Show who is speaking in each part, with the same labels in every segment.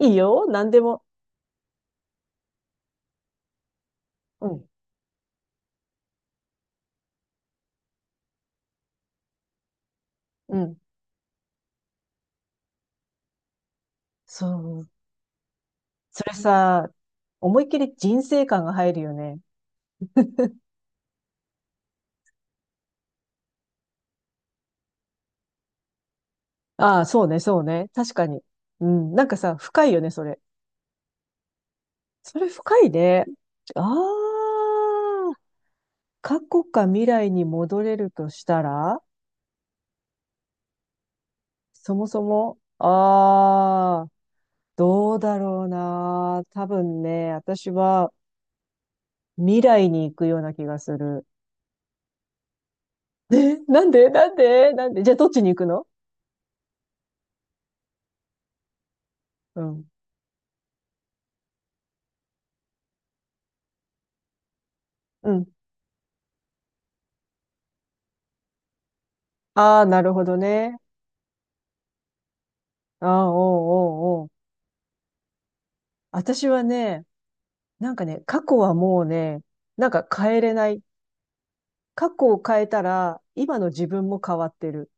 Speaker 1: いいよ、何でも。うん、うん。そう。それさ、思いっきり人生観が入るよね。ああ、そうね、そうね。確かに。うん、なんかさ、深いよね、それ。それ深いね。ああ、過去か未来に戻れるとしたら、そもそも、どうだろうな。多分ね、私は未来に行くような気がする。え、なんでじゃあどっちに行くの？うん。うん、ああ、なるほどね。ああ、おうおうおう。私はね、なんかね、過去はもうね、なんか変えれない。過去を変えたら、今の自分も変わってる。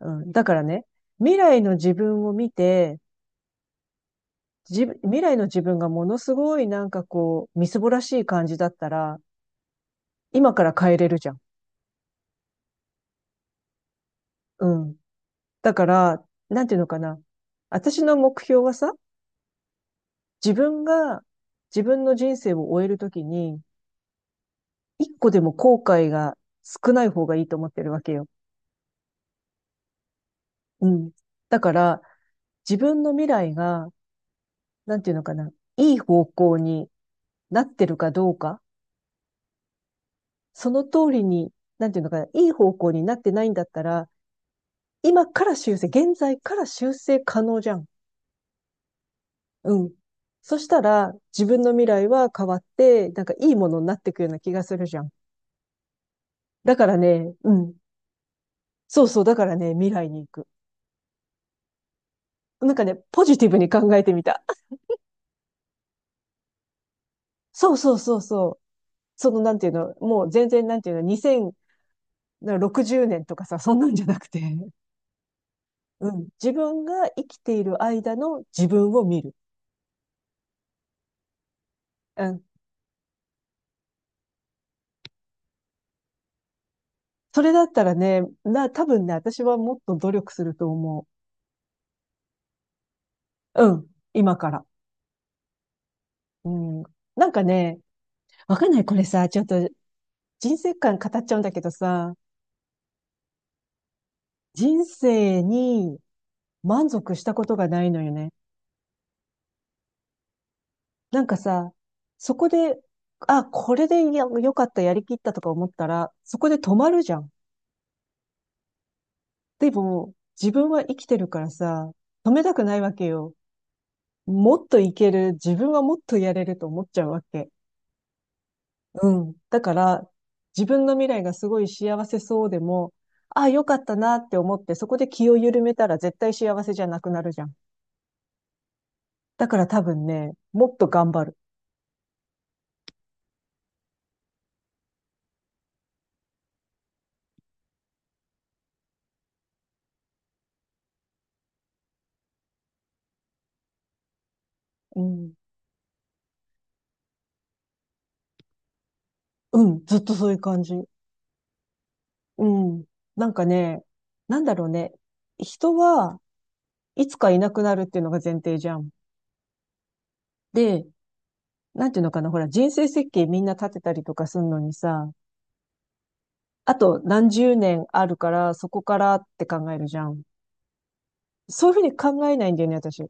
Speaker 1: うん。だからね、未来の自分を見て、自分、未来の自分がものすごいなんかこう、みすぼらしい感じだったら、今から変えれるじゃん。うん。だから、なんていうのかな。私の目標はさ、自分が自分の人生を終えるときに、一個でも後悔が少ない方がいいと思ってるわけよ。うん。だから、自分の未来が、なんていうのかな、いい方向になってるかどうか、その通りに、なんていうのかな、いい方向になってないんだったら、今から修正、現在から修正可能じゃん。うん。そしたら、自分の未来は変わって、なんかいいものになっていくような気がするじゃん。だからね、うん。そうそう、だからね、未来に行く。なんかね、ポジティブに考えてみた。そうそうそうそう。その、なんていうの、もう全然、なんていうの、2060年とかさ、そんなんじゃなくて、うん。自分が生きている間の自分を見る。うん。それだったらね、な、多分ね、私はもっと努力すると思う。うん。今から。うん。なんかね、わかんない。これさ、ちょっと人生観語っちゃうんだけどさ、人生に満足したことがないのよね。なんかさ、そこで、あ、これでや良かった、やりきったとか思ったら、そこで止まるじゃん。でも、自分は生きてるからさ、止めたくないわけよ。もっといける、自分はもっとやれると思っちゃうわけ。うん。だから、自分の未来がすごい幸せそうでも、ああ、よかったなって思って、そこで気を緩めたら絶対幸せじゃなくなるじゃん。だから多分ね、もっと頑張る。うん。うん、ずっとそういう感じ。うん。なんかね、なんだろうね。人はいつかいなくなるっていうのが前提じゃん。で、なんていうのかな、ほら、人生設計みんな立てたりとかするのにさ、あと何十年あるから、そこからって考えるじゃん。そういうふうに考えないんだよね、私。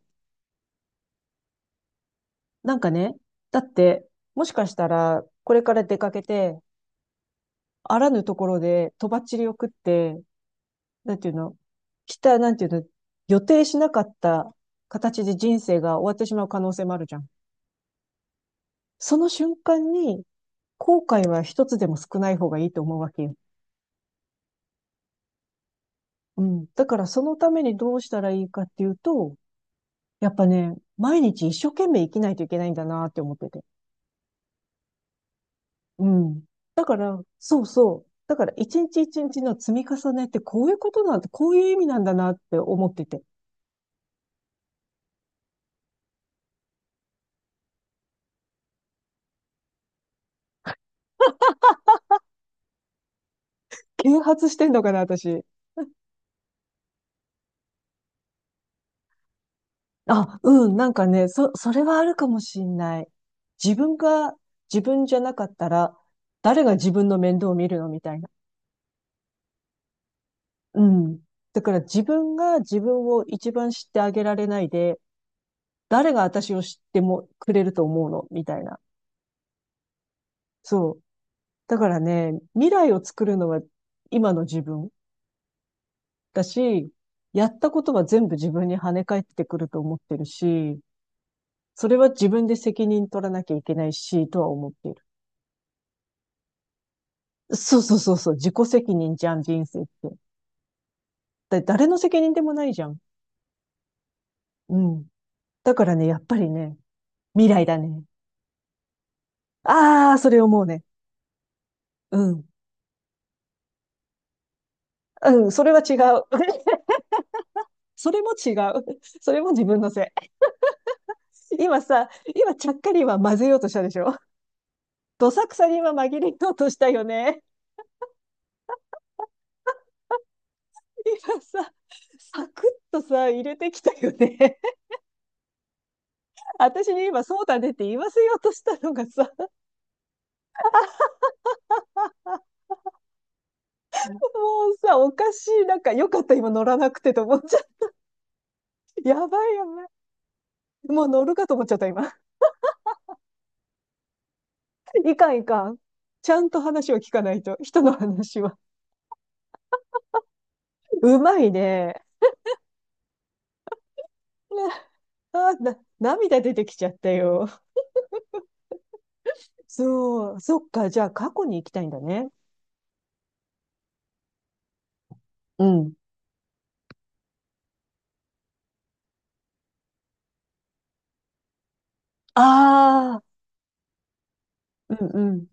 Speaker 1: なんかね、だって、もしかしたら、これから出かけて、あらぬところで、とばっちりを食って、なんていうの、来た、なんていうの、予定しなかった形で人生が終わってしまう可能性もあるじゃん。その瞬間に、後悔は一つでも少ない方がいいと思うわけよ。うん。だからそのためにどうしたらいいかっていうと、やっぱね、毎日一生懸命生きないといけないんだなって思ってて。うん。だから、そうそう。だから一日一日の積み重ねってこういうことなんて、こういう意味なんだなって思ってて。啓発してんのかな、私。あ、うん、なんかね、そ、それはあるかもしんない。自分が自分じゃなかったら、誰が自分の面倒を見るのみたいな。うん。だから自分が自分を一番知ってあげられないで、誰が私を知ってもくれると思うのみたいな。そう。だからね、未来を作るのは今の自分だし、やったことは全部自分に跳ね返ってくると思ってるし、それは自分で責任取らなきゃいけないし、とは思っている。そうそうそうそう、自己責任じゃん、人生って。だ誰の責任でもないじゃん。うん。だからね、やっぱりね、未来だね。ああ、それ思うね。うん。うん、それは違う。それも違う。それも自分のせい。今さ、今ちゃっかり今混ぜようとしたでしょ？どさくさに今紛れようとしたよね。今さ、サクッとさ、入れてきたよね。私に今そうだねって言わせようとしたのがさ、もうさ、おかしい。なんかよかった今乗らなくてと思っちゃって。やばいやばい。もう乗るかと思っちゃった今。いかんいかん。ちゃんと話を聞かないと。人の話は。うまいね。あ、な、涙出てきちゃったよ。そう。そっか。じゃあ過去に行きたいんだね。うん。ああ、うんうん、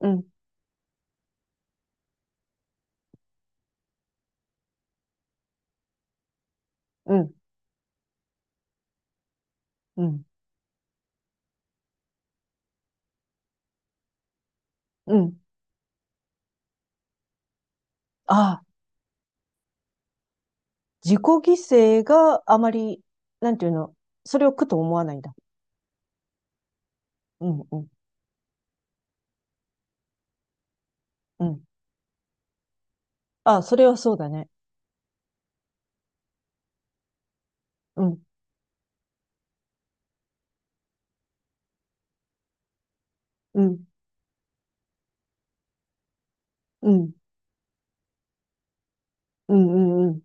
Speaker 1: うん、うん、うん、うん。ああ、自己犠牲があまり、なんていうの、それを苦と思わないんだ。うん、うん、うん。ああ、それはそうだね。うん、うん、うん、うん、うん、うん、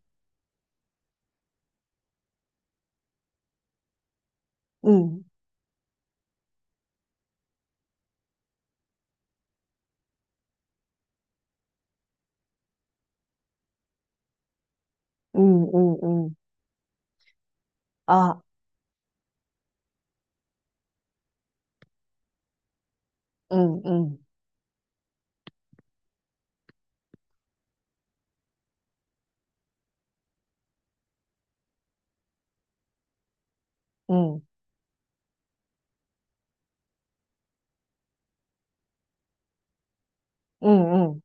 Speaker 1: うん、うん、うん。うん、ああ、うん、うん、うん、うん、うん。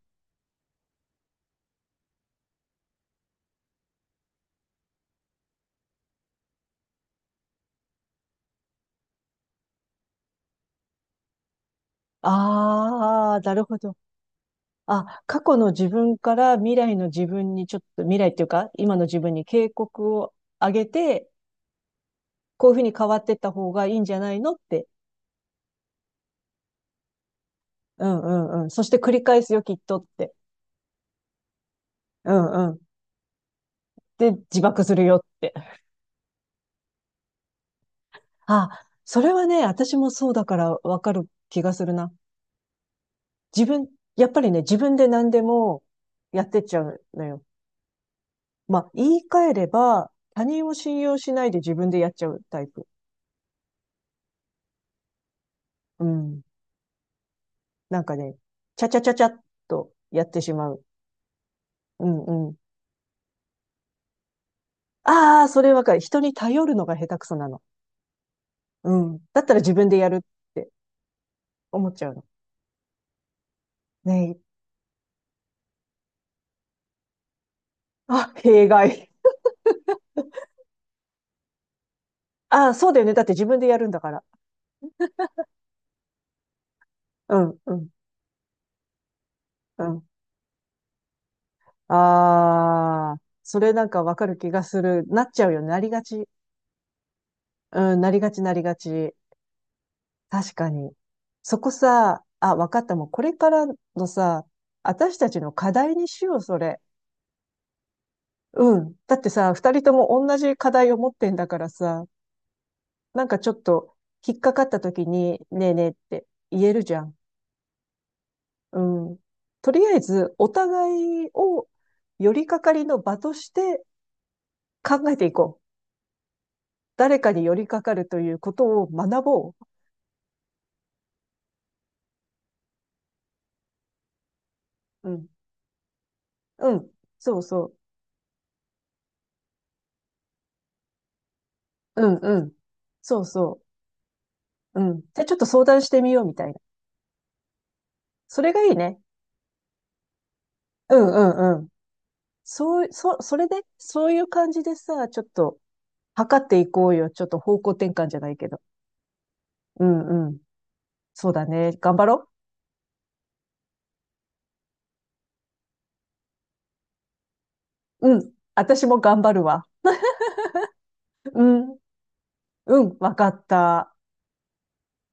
Speaker 1: ああ、なるほど。あ、過去の自分から未来の自分にちょっと、未来っていうか、今の自分に警告をあげて、こういうふうに変わっていった方がいいんじゃないのって。うんうんうん。そして繰り返すよ、きっとって。うんうん。で、自爆するよって。あ、それはね、私もそうだからわかる気がするな。自分、やっぱりね、自分で何でもやってっちゃうのよ。まあ、言い換えれば、他人を信用しないで自分でやっちゃうタイプ。うん。なんかね、ちゃちゃちゃちゃっとやってしまう。うんうん。ああ、それわかる。人に頼るのが下手くそなの。うん。だったら自分でやるって思っちゃうの。ねえ。あ、弊害。あ、そうだよね。だって自分でやるんだから。うん、うん、うん。ああ、それなんかわかる気がする。なっちゃうよね。なりがち。うん、なりがち、なりがち。確かに。そこさ、あ、わかった。もうこれからのさ、私たちの課題にしよう、それ。うん。だってさ、二人とも同じ課題を持ってんだからさ、なんかちょっと引っかかった時に、ねえねえって言えるじゃん。うん。とりあえず、お互いを寄りかかりの場として考えていこう。誰かに寄りかかるということを学ぼう。うん。うん。そうそう。うんうん。そうそう。うん。じゃあちょっと相談してみようみたいな。それがいいね。うんうんうん。そう、そ、それで、そういう感じでさ、ちょっと測っていこうよ。ちょっと方向転換じゃないけど。うんうん。そうだね。頑張ろう。うん。私も頑張るわ。うん。うん。わかった。